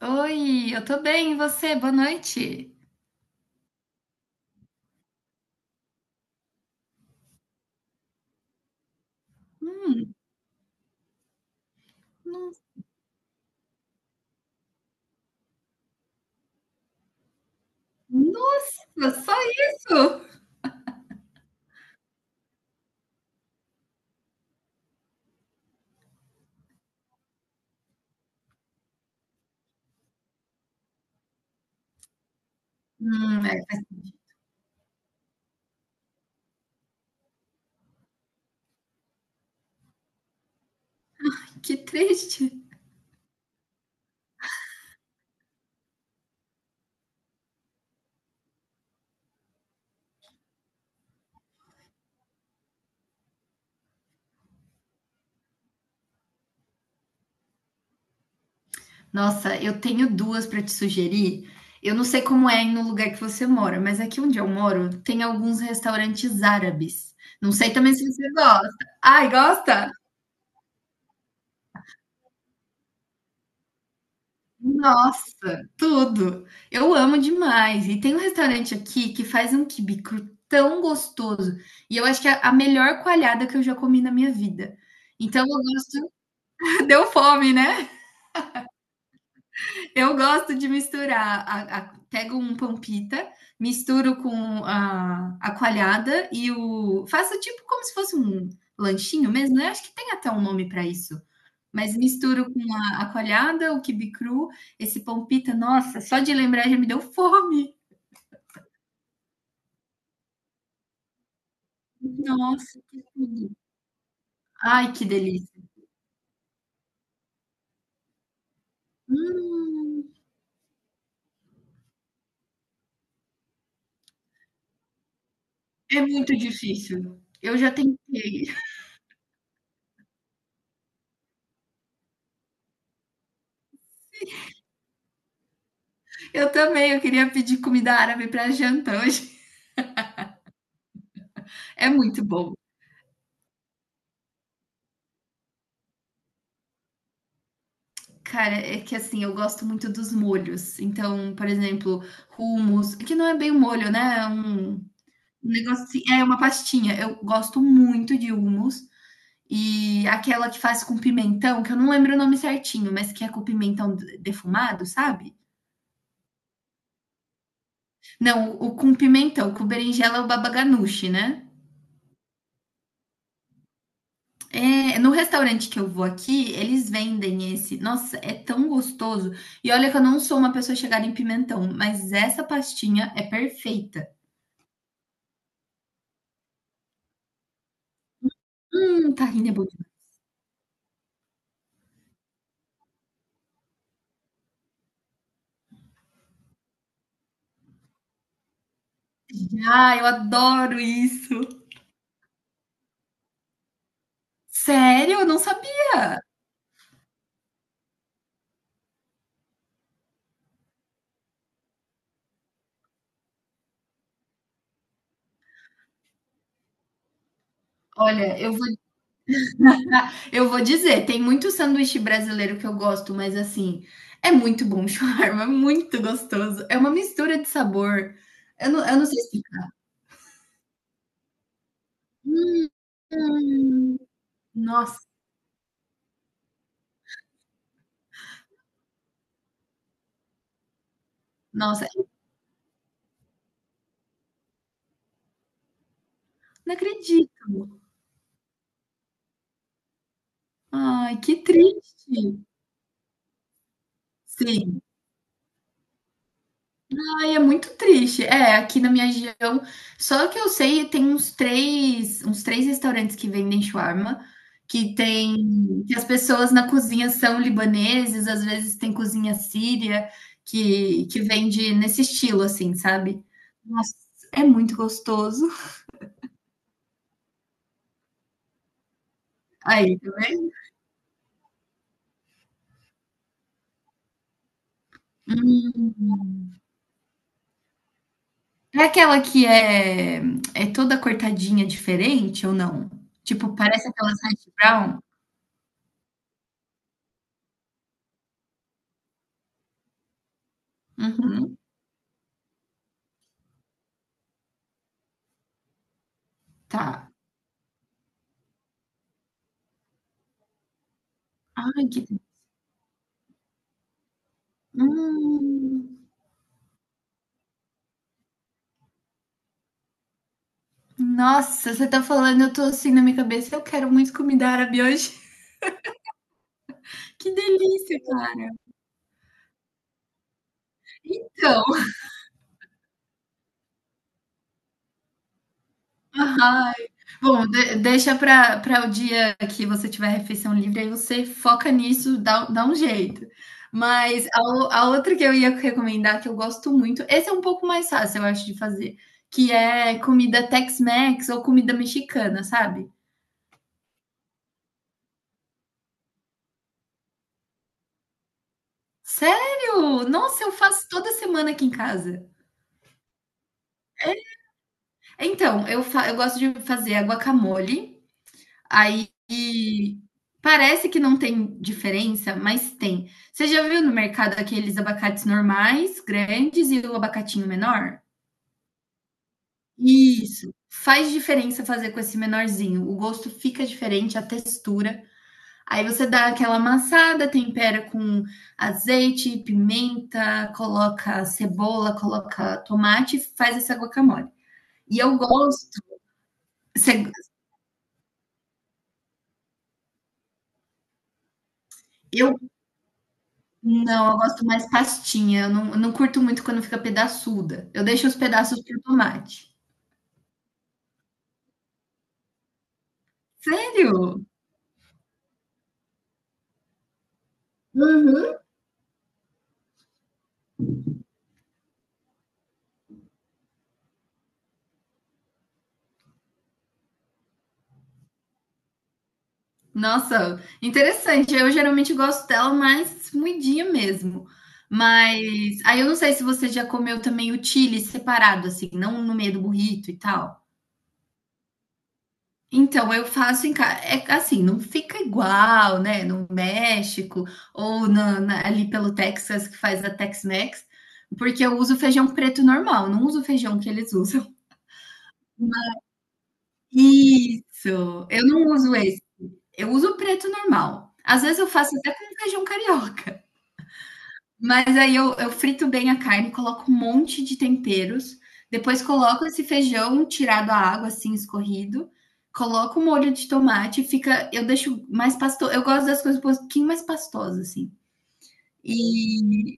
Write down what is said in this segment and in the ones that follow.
Oi, eu tô bem, e você? Boa noite. Hum. Nossa, nossa, só isso? É, faz que triste. Nossa, eu tenho duas para te sugerir. Eu não sei como é aí no lugar que você mora, mas aqui onde eu moro tem alguns restaurantes árabes. Não sei também se você gosta. Ai, gosta? Nossa, tudo. Eu amo demais. E tem um restaurante aqui que faz um quibe cru tão gostoso. E eu acho que é a melhor coalhada que eu já comi na minha vida. Então eu gosto. Deu fome, né? Eu gosto de misturar a pego um pão pita, misturo com a coalhada e o faço tipo como se fosse um lanchinho mesmo, né, acho que tem até um nome para isso. Mas misturo com a coalhada, o quibe cru, esse pão pita, nossa, só de lembrar já me deu fome. Nossa, que tudo. Ai, que delícia. Hum, É muito difícil. Eu já tentei. Eu também, eu queria pedir comida árabe para janta hoje. É muito bom. Cara, é que assim, eu gosto muito dos molhos. Então, por exemplo, hummus, é que não é bem um molho, né, é um negócio assim, é uma pastinha. Eu gosto muito de hummus. E aquela que faz com pimentão, que eu não lembro o nome certinho, mas que é com pimentão defumado, sabe? Não, o com pimentão, com berinjela é o baba ganoush, né? É, no restaurante que eu vou aqui, eles vendem esse. Nossa, é tão gostoso. E olha que eu não sou uma pessoa chegada em pimentão, mas essa pastinha é perfeita. Tahine é bom. Demais. Ah, eu adoro isso. Sério? Eu não sabia. Olha, eu vou. Ah, eu vou dizer, tem muito sanduíche brasileiro que eu gosto, mas assim, é muito bom o shawarma, é muito gostoso. É uma mistura de sabor. Eu não sei explicar. Hum, Nossa, nossa, não acredito. Ai, que triste. Sim. Ai, é muito triste. É, aqui na minha região, só que eu sei, tem uns três restaurantes que vendem shawarma, que tem, que as pessoas na cozinha são libaneses, às vezes tem cozinha síria, que vende nesse estilo, assim, sabe? Nossa, é muito gostoso. Aí, tá vendo? Hum. É aquela que é toda cortadinha diferente ou não? Tipo, parece aquelas hash brown? Uhum, tá. Ai, que. Hum, Nossa, você tá falando, eu tô assim na minha cabeça, eu quero muito comida árabe hoje. Que delícia, cara. Então, ai. Bom, de deixa pra o dia que você tiver refeição livre, aí você foca nisso, dá um jeito. Mas a outra que eu ia recomendar, que eu gosto muito, esse é um pouco mais fácil, eu acho, de fazer, que é comida Tex-Mex ou comida mexicana, sabe. Sério? Nossa, eu faço toda semana aqui em casa. Então, eu gosto de fazer a guacamole, aí parece que não tem diferença, mas tem. Você já viu no mercado aqueles abacates normais, grandes, e o abacatinho menor? Isso. Faz diferença fazer com esse menorzinho. O gosto fica diferente, a textura. Aí você dá aquela amassada, tempera com azeite, pimenta, coloca cebola, coloca tomate, e faz essa guacamole. E eu gosto. Cê- eu Não, eu gosto mais pastinha. Eu não curto muito quando fica pedaçuda. Eu deixo os pedaços para tomate. Sério? Uhum. Nossa, interessante. Eu geralmente gosto dela mais moidinha mesmo. Mas aí eu não sei se você já comeu também o chili separado, assim, não no meio do burrito e tal. Então, eu faço em casa. É assim, não fica igual, né? No México ou ali pelo Texas que faz a Tex-Mex, porque eu uso feijão preto normal, não uso o feijão que eles usam. Isso, eu não uso esse, eu uso o preto normal. Às vezes eu faço até com feijão carioca. Mas aí eu frito bem a carne, coloco um monte de temperos, depois coloco esse feijão tirado a água, assim, escorrido, coloco o molho de tomate, fica, eu deixo mais pastoso, eu gosto das coisas um pouquinho mais pastosas, assim. E,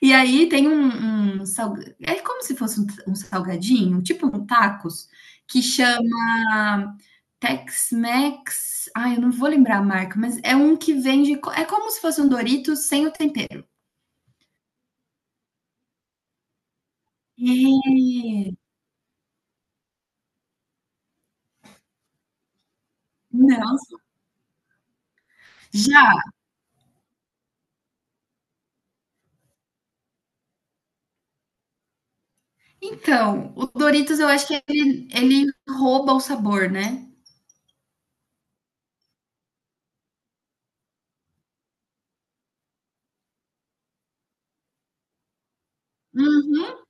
e aí tem é como se fosse um salgadinho, tipo um tacos, que chama Tex-Mex, ai, eu não vou lembrar a marca, mas é um que vende, é como se fosse um Doritos sem o tempero. É. Não. Já. Então, o Doritos eu acho que ele rouba o sabor, né? Uhum.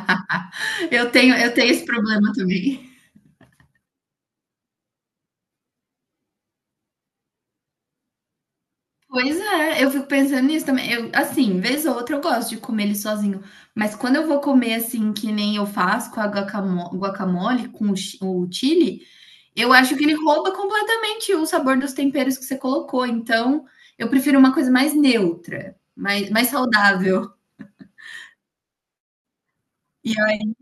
Eu tenho esse problema também. Pois é, eu fico pensando nisso também. Eu, assim, vez ou outra eu gosto de comer ele sozinho, mas quando eu vou comer assim, que nem eu faço com a guacamole, com o chili, eu acho que ele rouba completamente o sabor dos temperos que você colocou. Então, eu prefiro uma coisa mais neutra, mais saudável. E aí.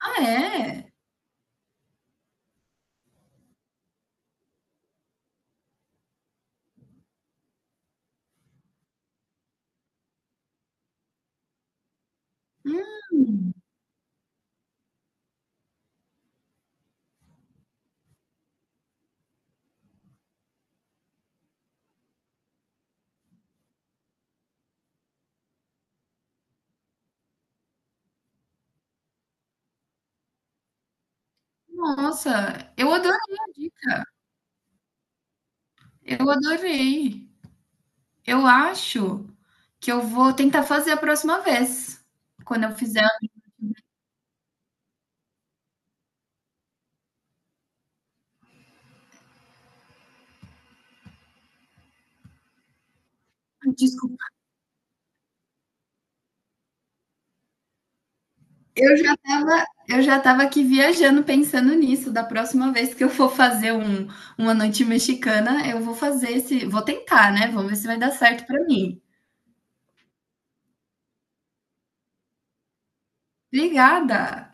Ah, é? Hum. Nossa, eu adorei a dica. Eu adorei. Eu acho que eu vou tentar fazer a próxima vez. Quando eu fizer, desculpa. Eu já estava aqui viajando pensando nisso. Da próxima vez que eu for fazer uma noite mexicana, eu vou fazer esse, vou tentar, né? Vamos ver se vai dar certo para mim. Obrigada.